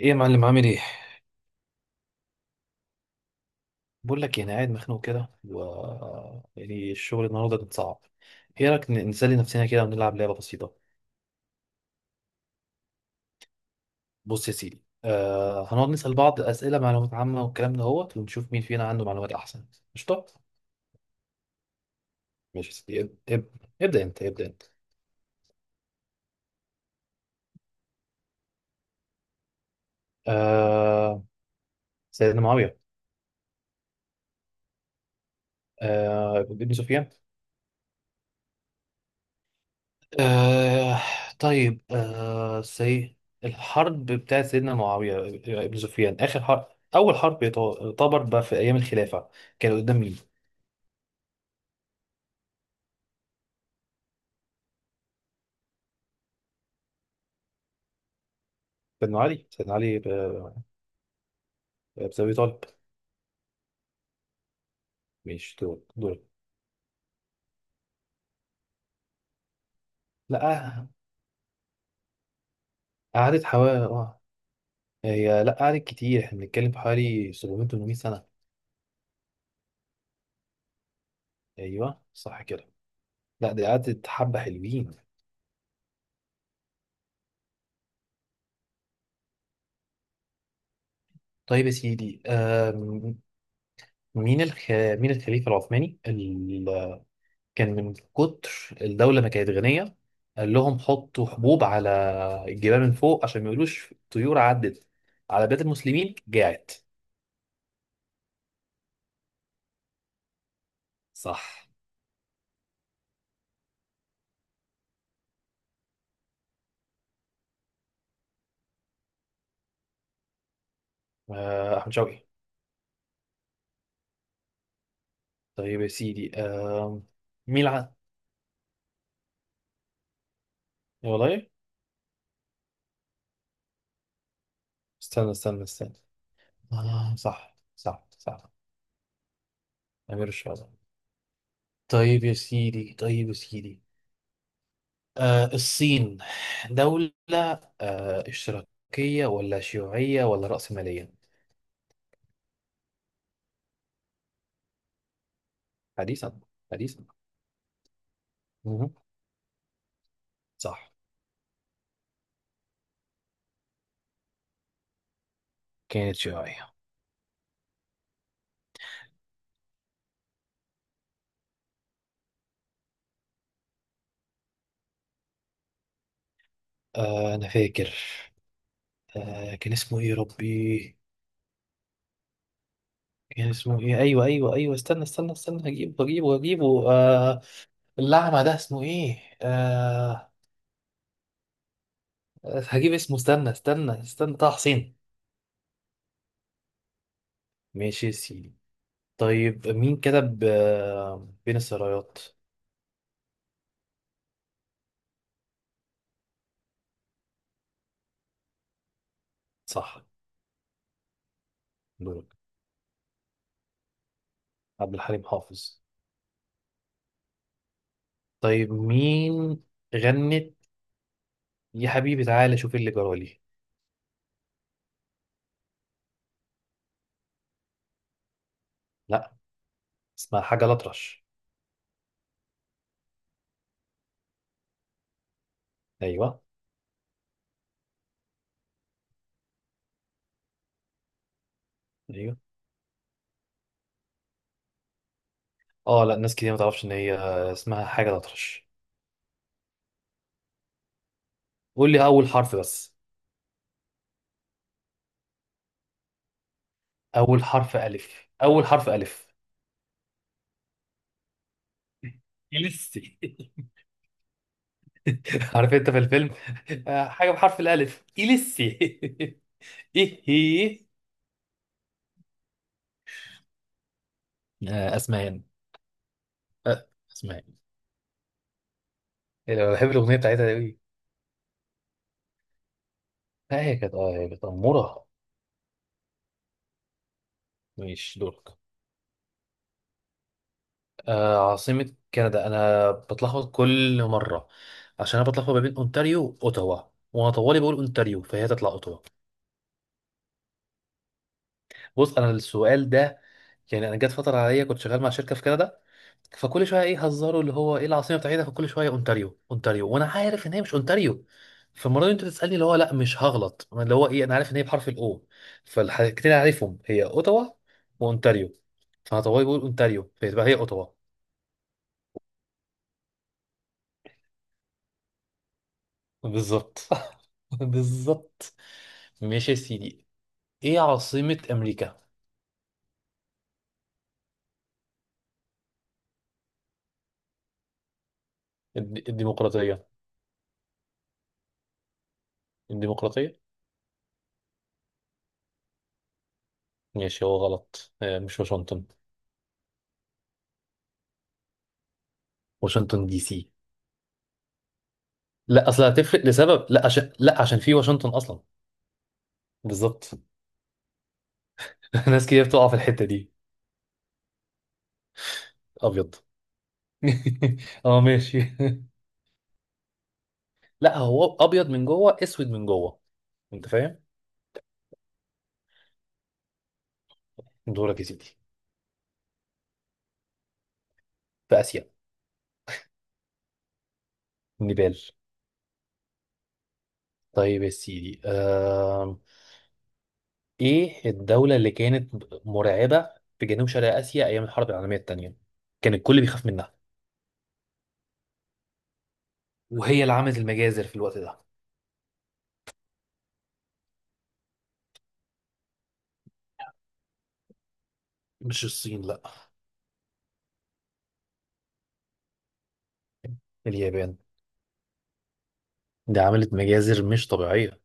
ايه يا معلم، عامل ايه؟ بقول لك يعني قاعد مخنوق كده، و يعني الشغل النهارده كان صعب. ايه رايك نسلي نفسنا كده ونلعب لعبه بسيطه؟ بص يا سيدي، هنقعد نسال بعض اسئله، معلومات عامه والكلام ده، هو ونشوف مين فينا عنده معلومات احسن. قشطه. ماشي يا سيدي، ابدا انت، ابدا انت. آه سيدنا معاويه. ابن سفيان. آه طيب. آه سي الحرب بتاعت سيدنا معاوية، ابن سفيان، آخر حرب، أول حرب، يعتبر بقى في أيام الخلافة، كان قدام مين؟ سيدنا علي، بن أبي طالب. مش دول. لا، قعدت حوالي، هي، لا قعدت كتير، احنا بنتكلم في حوالي 700 800 سنة. أيوه، صح كده. لا، دي قعدت حبة حلوين. طيب يا سيدي، مين الخليفة العثماني كان من كتر الدولة ما كانت غنية، قال لهم حطوا حبوب على الجبال من فوق عشان ما يقولوش طيور عدت على بلاد المسلمين جاعت. صح. أحمد شوقي. طيب يا سيدي، مين الع... والله. استنى استنى استنى، آه، صح، صح، صح. أمير الشهداء. طيب يا سيدي. الصين دولة، اشتراكية ولا شيوعية ولا رأسمالية؟ حديثا، حديثا. مهم. صح. كانت شوية. أنا فاكر. كان اسمه إيه يا ربي؟ كان اسمه إيه؟ أيوه، أيوه، أيوه، استنى استنى استنى، هجيبه هجيبه هجيبه، الأعمى ده اسمه إيه؟ هجيب اسمه، استنى استنى استنى، طه حسين. ماشي يا سيدي. طيب، مين كتب بين السرايات؟ صح. دورك. عبد الحليم حافظ. طيب، مين غنت يا حبيبي تعالى شوف اللي جرالي؟ لا، اسمها حاجة الأطرش. أيوه. أيوه. اه لا، ناس كتير ما تعرفش ان هي اسمها حاجه الاطرش. قول لي اول حرف بس. اول حرف الف، اول حرف الف. إليسي. عارف انت في الفيلم؟ حاجه بحرف الالف، إليسي. ايه هي؟ اسمهان. اسمهان. إيه ده، أنا بحب الاغنيه بتاعتها دي أوي. لا، هي كانت اموره. مش دورك. عاصمه كندا انا بتلخبط كل مره، عشان انا بتلخبط ما بين اونتاريو واوتاوا، وانا طوالي بقول اونتاريو فهي تطلع اوتاوا. بص انا السؤال ده، يعني انا جت فتره عليا كنت شغال مع شركه في كندا، فكل شويه ايه هزاروا اللي هو ايه العاصمه بتاعتها، فكل شويه اونتاريو، اونتاريو، وانا عارف ان هي مش اونتاريو. فالمره دي انت تسالني، اللي هو لا مش هغلط، اللي هو ايه، انا عارف ان هي بحرف الاو، فالحاجتين اللي عارفهم هي اوتاوا واونتاريو، فهطوي بيقول اونتاريو فيبقى هي اوتاوا. بالظبط. بالظبط. ماشي يا سيدي. ايه عاصمه امريكا؟ الديمقراطيه. الديمقراطيه. ماشي، هو غلط. مش واشنطن. واشنطن دي سي. لا، اصل هتفرق لسبب، لا، عشان في واشنطن اصلا. بالظبط. ناس كتير بتقع في الحته دي. ابيض. اه ماشي. لا هو ابيض من جوه، اسود من جوه. انت فاهم. دورك يا سيدي. في اسيا. نيبال. طيب يا سيدي، ايه الدوله اللي كانت مرعبه في جنوب شرق اسيا ايام الحرب العالميه الثانيه، كان الكل بيخاف منها، وهي اللي عملت المجازر في الوقت ده؟ مش الصين، لا. اليابان. دي عملت مجازر مش طبيعيه.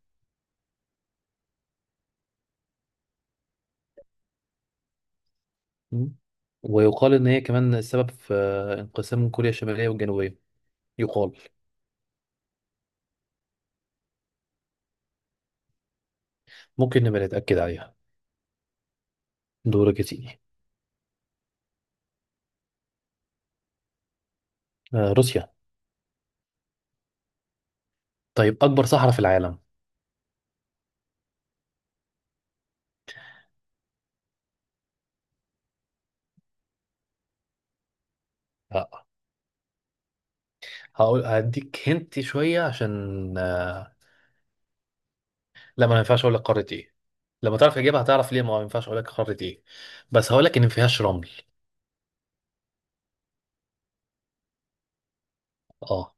مم. ويقال ان هي كمان السبب في انقسام كوريا الشماليه والجنوبيه، يقال. ممكن نبقى نتاكد عليها. دورك يا سيدي. روسيا. طيب، اكبر صحراء في العالم؟ آه، هقول هديك هنت شويه، عشان آه، لا، ما ينفعش اقول لك قاره ايه، لما تعرف اجابه هتعرف ليه ما ينفعش اقول لك قاره ايه. بس هقول لك ان ما فيهاش رمل. اه.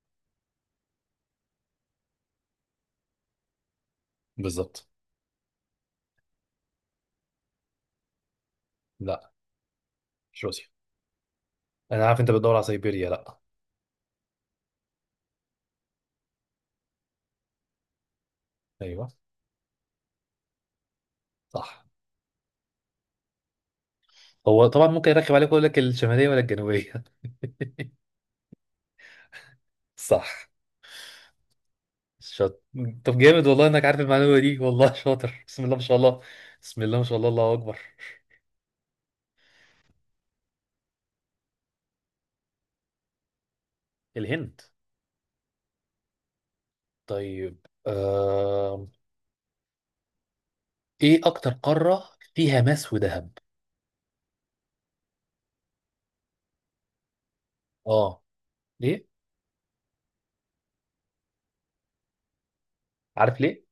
بالظبط. لا، مش روسيا. انا عارف انت بتدور على سيبيريا، لا. ايوه، صح. هو طبعا ممكن يركب عليك يقول لك الشماليه ولا الجنوبيه. صح. شاطر. طب جامد والله انك عارف المعلومه دي، والله شاطر، بسم الله ما شاء الله. بسم الله ما شاء الله، الله اكبر. الهند. طيب. ايه اكتر قاره فيها ماس وذهب؟ اه. ليه؟ عارف ليه.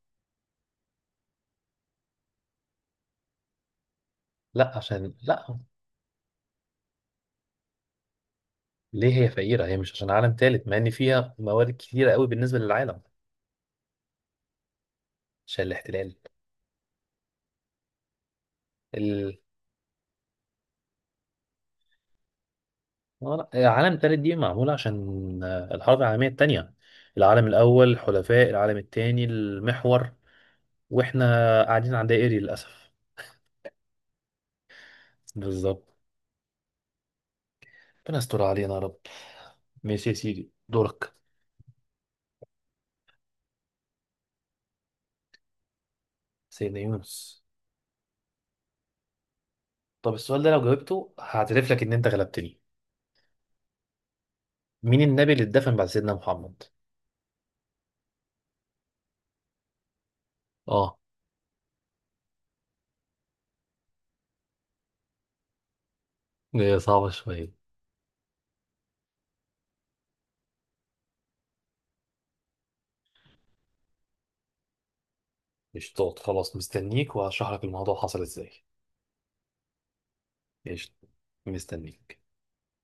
لا، عشان، لا، ليه هي فقيره؟ هي مش عشان عالم ثالث، مع ان فيها موارد كتيره قوي بالنسبه للعالم. عشان الاحتلال. ال... لا، العالم الثالث دي معموله عشان الحرب العالميه الثانيه، العالم الاول حلفاء، العالم الثاني المحور، واحنا قاعدين على دائري للاسف. بالظبط. ربنا يستر علينا يا رب. ماشي يا سيدي، دورك. سيدنا يونس. طب السؤال ده لو جاوبته هعترف لك ان انت غلبتني. مين النبي اللي اتدفن بعد سيدنا محمد؟ اه. هي صعبة شوية. قشطات، خلاص مستنيك وهشرح لك الموضوع حصل ازاي. قشطة. مستنيك.